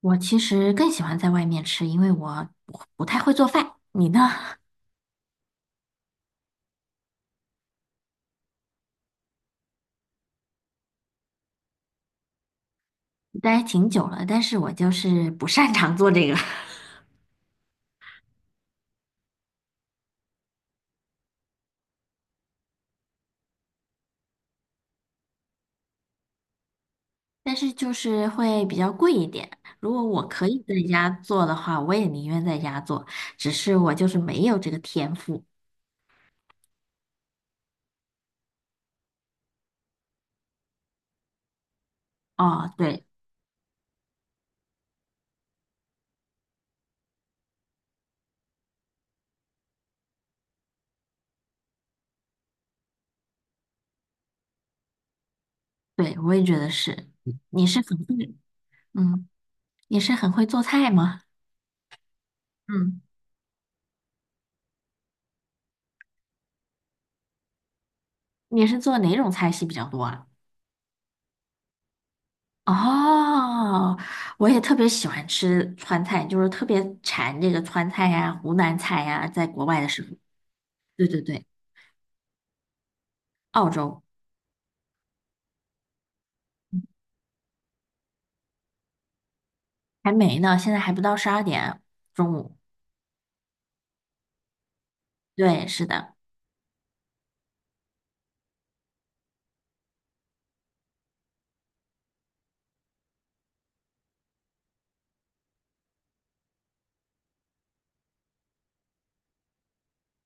我其实更喜欢在外面吃，因为我不太会做饭。你呢？待挺久了，但是我就是不擅长做这个，但是就是会比较贵一点。如果我可以在家做的话，我也宁愿在家做，只是我就是没有这个天赋。哦，对对，我也觉得是。你是很会，嗯，你是很会做菜吗？嗯，你是做哪种菜系比较多啊？哦，我也特别喜欢吃川菜，就是特别馋这个川菜呀、湖南菜呀，在国外的时候。对对对，澳洲。还没呢，现在还不到12点，中午。对，是的，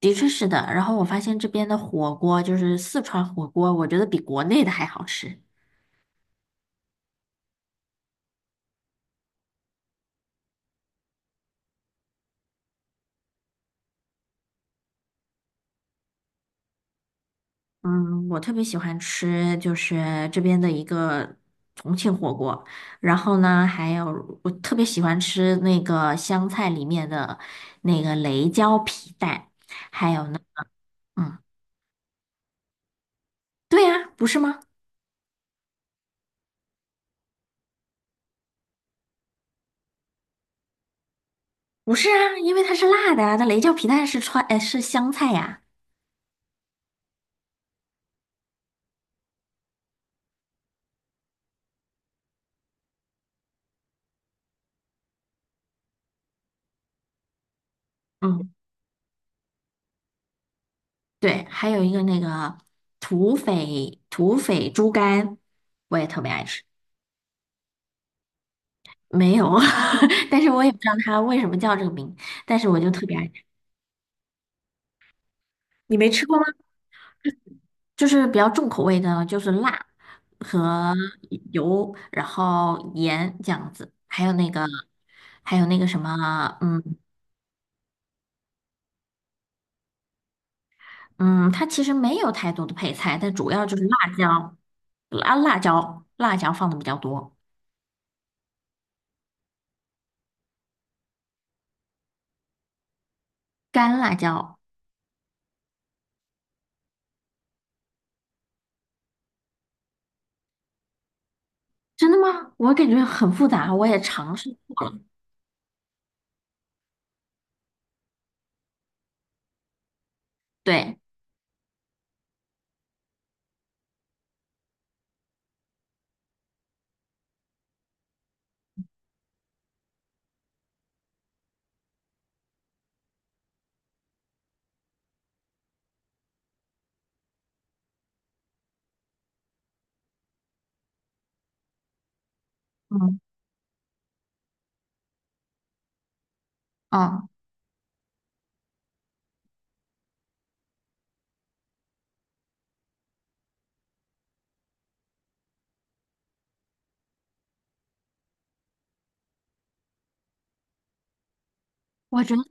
的确是的。然后我发现这边的火锅，就是四川火锅，我觉得比国内的还好吃。嗯，我特别喜欢吃就是这边的一个重庆火锅，然后呢，还有我特别喜欢吃那个湘菜里面的那个雷椒皮蛋，还有呢，嗯，对呀，不是吗？不是啊，因为它是辣的啊，那雷椒皮蛋是川，是湘菜呀。嗯，对，还有一个那个土匪猪肝，我也特别爱吃，没有，但是我也不知道它为什么叫这个名，但是我就特别爱吃。你没吃过吗？就是比较重口味的，就是辣和油，然后盐这样子，还有那个，还有那个什么，嗯。嗯，它其实没有太多的配菜，但主要就是辣椒，啊辣椒，辣椒放的比较多，干辣椒。真的吗？我感觉很复杂，我也尝试过了。对，嗯。嗯，我觉得。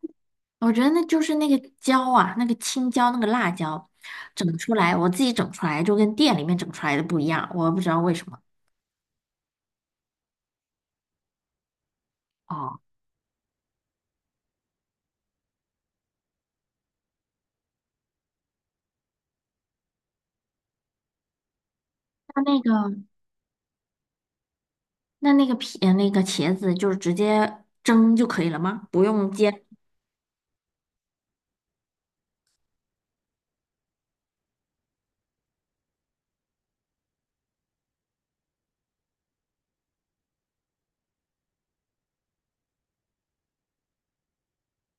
我觉得那就是那个椒啊，那个青椒，那个辣椒，整出来，我自己整出来就跟店里面整出来的不一样，我不知道为什么。哦，那那个那那个皮呃那个茄子就是直接蒸就可以了吗？不用煎？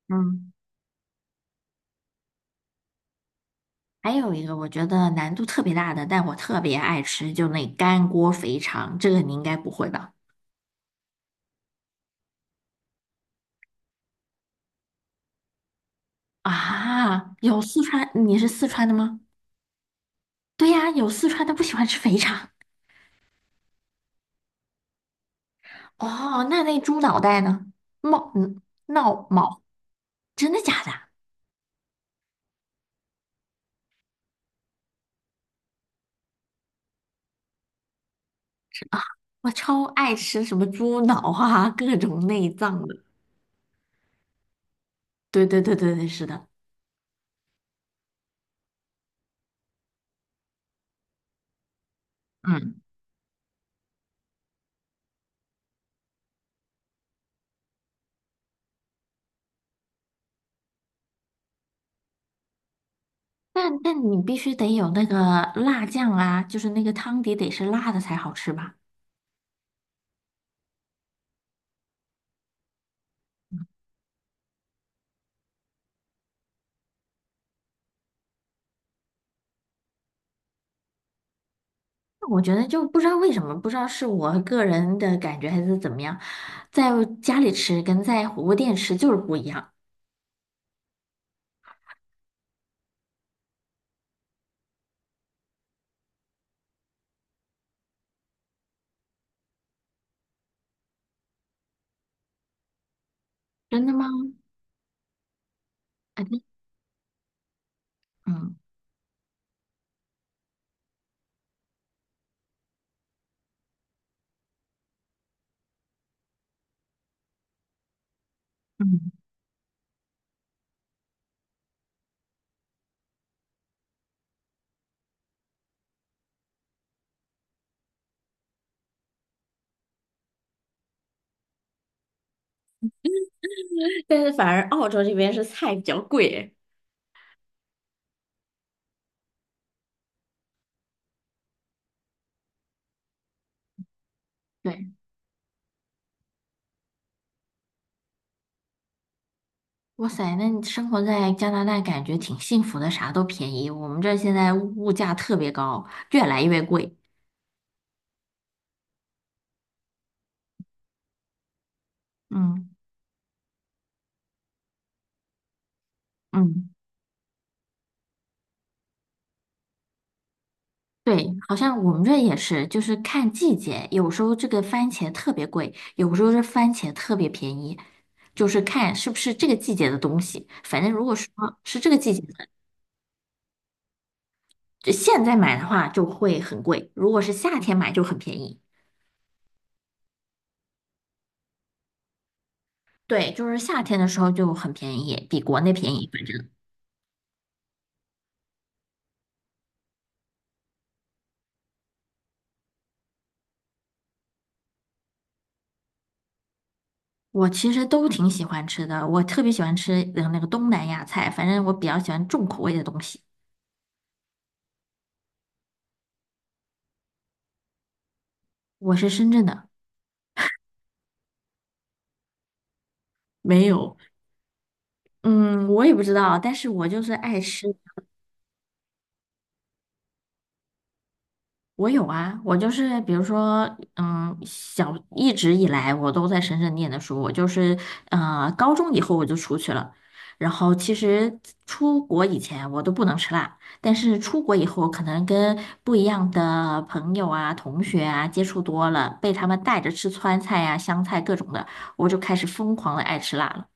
嗯，还有一个我觉得难度特别大的，但我特别爱吃，就那干锅肥肠，这个你应该不会吧？啊，有四川，你是四川的吗？对呀，有四川的不喜欢吃肥肠。哦，那那猪脑袋呢？冒嗯，闹毛，真的假的？我超爱吃什么猪脑啊，各种内脏的。对对对对对，是的。嗯，但你必须得有那个辣酱啊，就是那个汤底得是辣的才好吃吧？我觉得就不知道为什么，不知道是我个人的感觉还是怎么样，在家里吃跟在火锅店吃就是不一样。真的吗？哎，嗯，嗯，但是反而澳洲这边是菜比较贵诶。对。哇塞，那你生活在加拿大感觉挺幸福的，啥都便宜。我们这儿现在物价特别高，越来越贵。嗯。嗯，对，好像我们这也是，就是看季节，有时候这个番茄特别贵，有时候这番茄特别便宜，就是看是不是这个季节的东西。反正如果说是这个季节的，就现在买的话就会很贵，如果是夏天买就很便宜。对，就是夏天的时候就很便宜，比国内便宜，反正。我其实都挺喜欢吃的，我特别喜欢吃那个东南亚菜，反正我比较喜欢重口味的东西。我是深圳的，没有，嗯，我也不知道，但是我就是爱吃。我有啊，我就是比如说，嗯，小一直以来我都在深圳念的书，我就是高中以后我就出去了，然后其实出国以前我都不能吃辣，但是出国以后可能跟不一样的朋友啊、同学啊接触多了，被他们带着吃川菜啊、湘菜各种的，我就开始疯狂的爱吃辣了。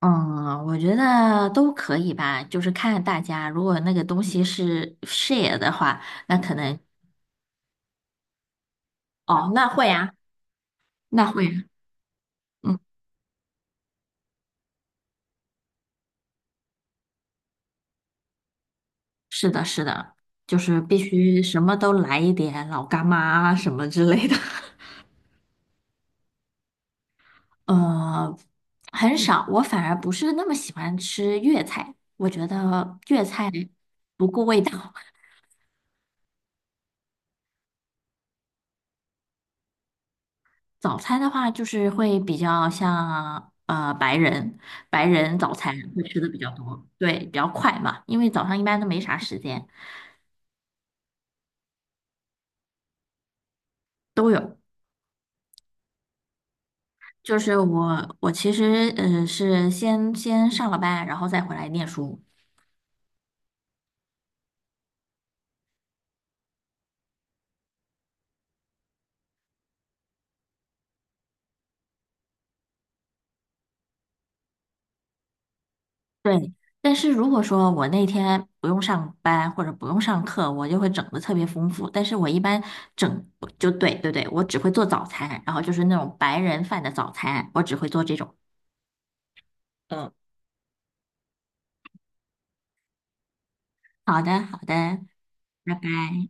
嗯，我觉得都可以吧，就是看大家，如果那个东西是 share 的话。那可能。哦，那会啊，那会啊，嗯，是的，是的，就是必须什么都来一点，老干妈啊什么之类的。呃，很少，我反而不是那么喜欢吃粤菜，我觉得粤菜不顾味道。早餐的话，就是会比较像白人，白人早餐会吃的比较多，对，比较快嘛，因为早上一般都没啥时间。都有。就是我，我其实是先上了班，然后再回来念书。对，但是如果说我那天不用上班或者不用上课，我就会整的特别丰富。但是我一般整就对对对，我只会做早餐，然后就是那种白人饭的早餐，我只会做这种。嗯。好的，好的，拜拜。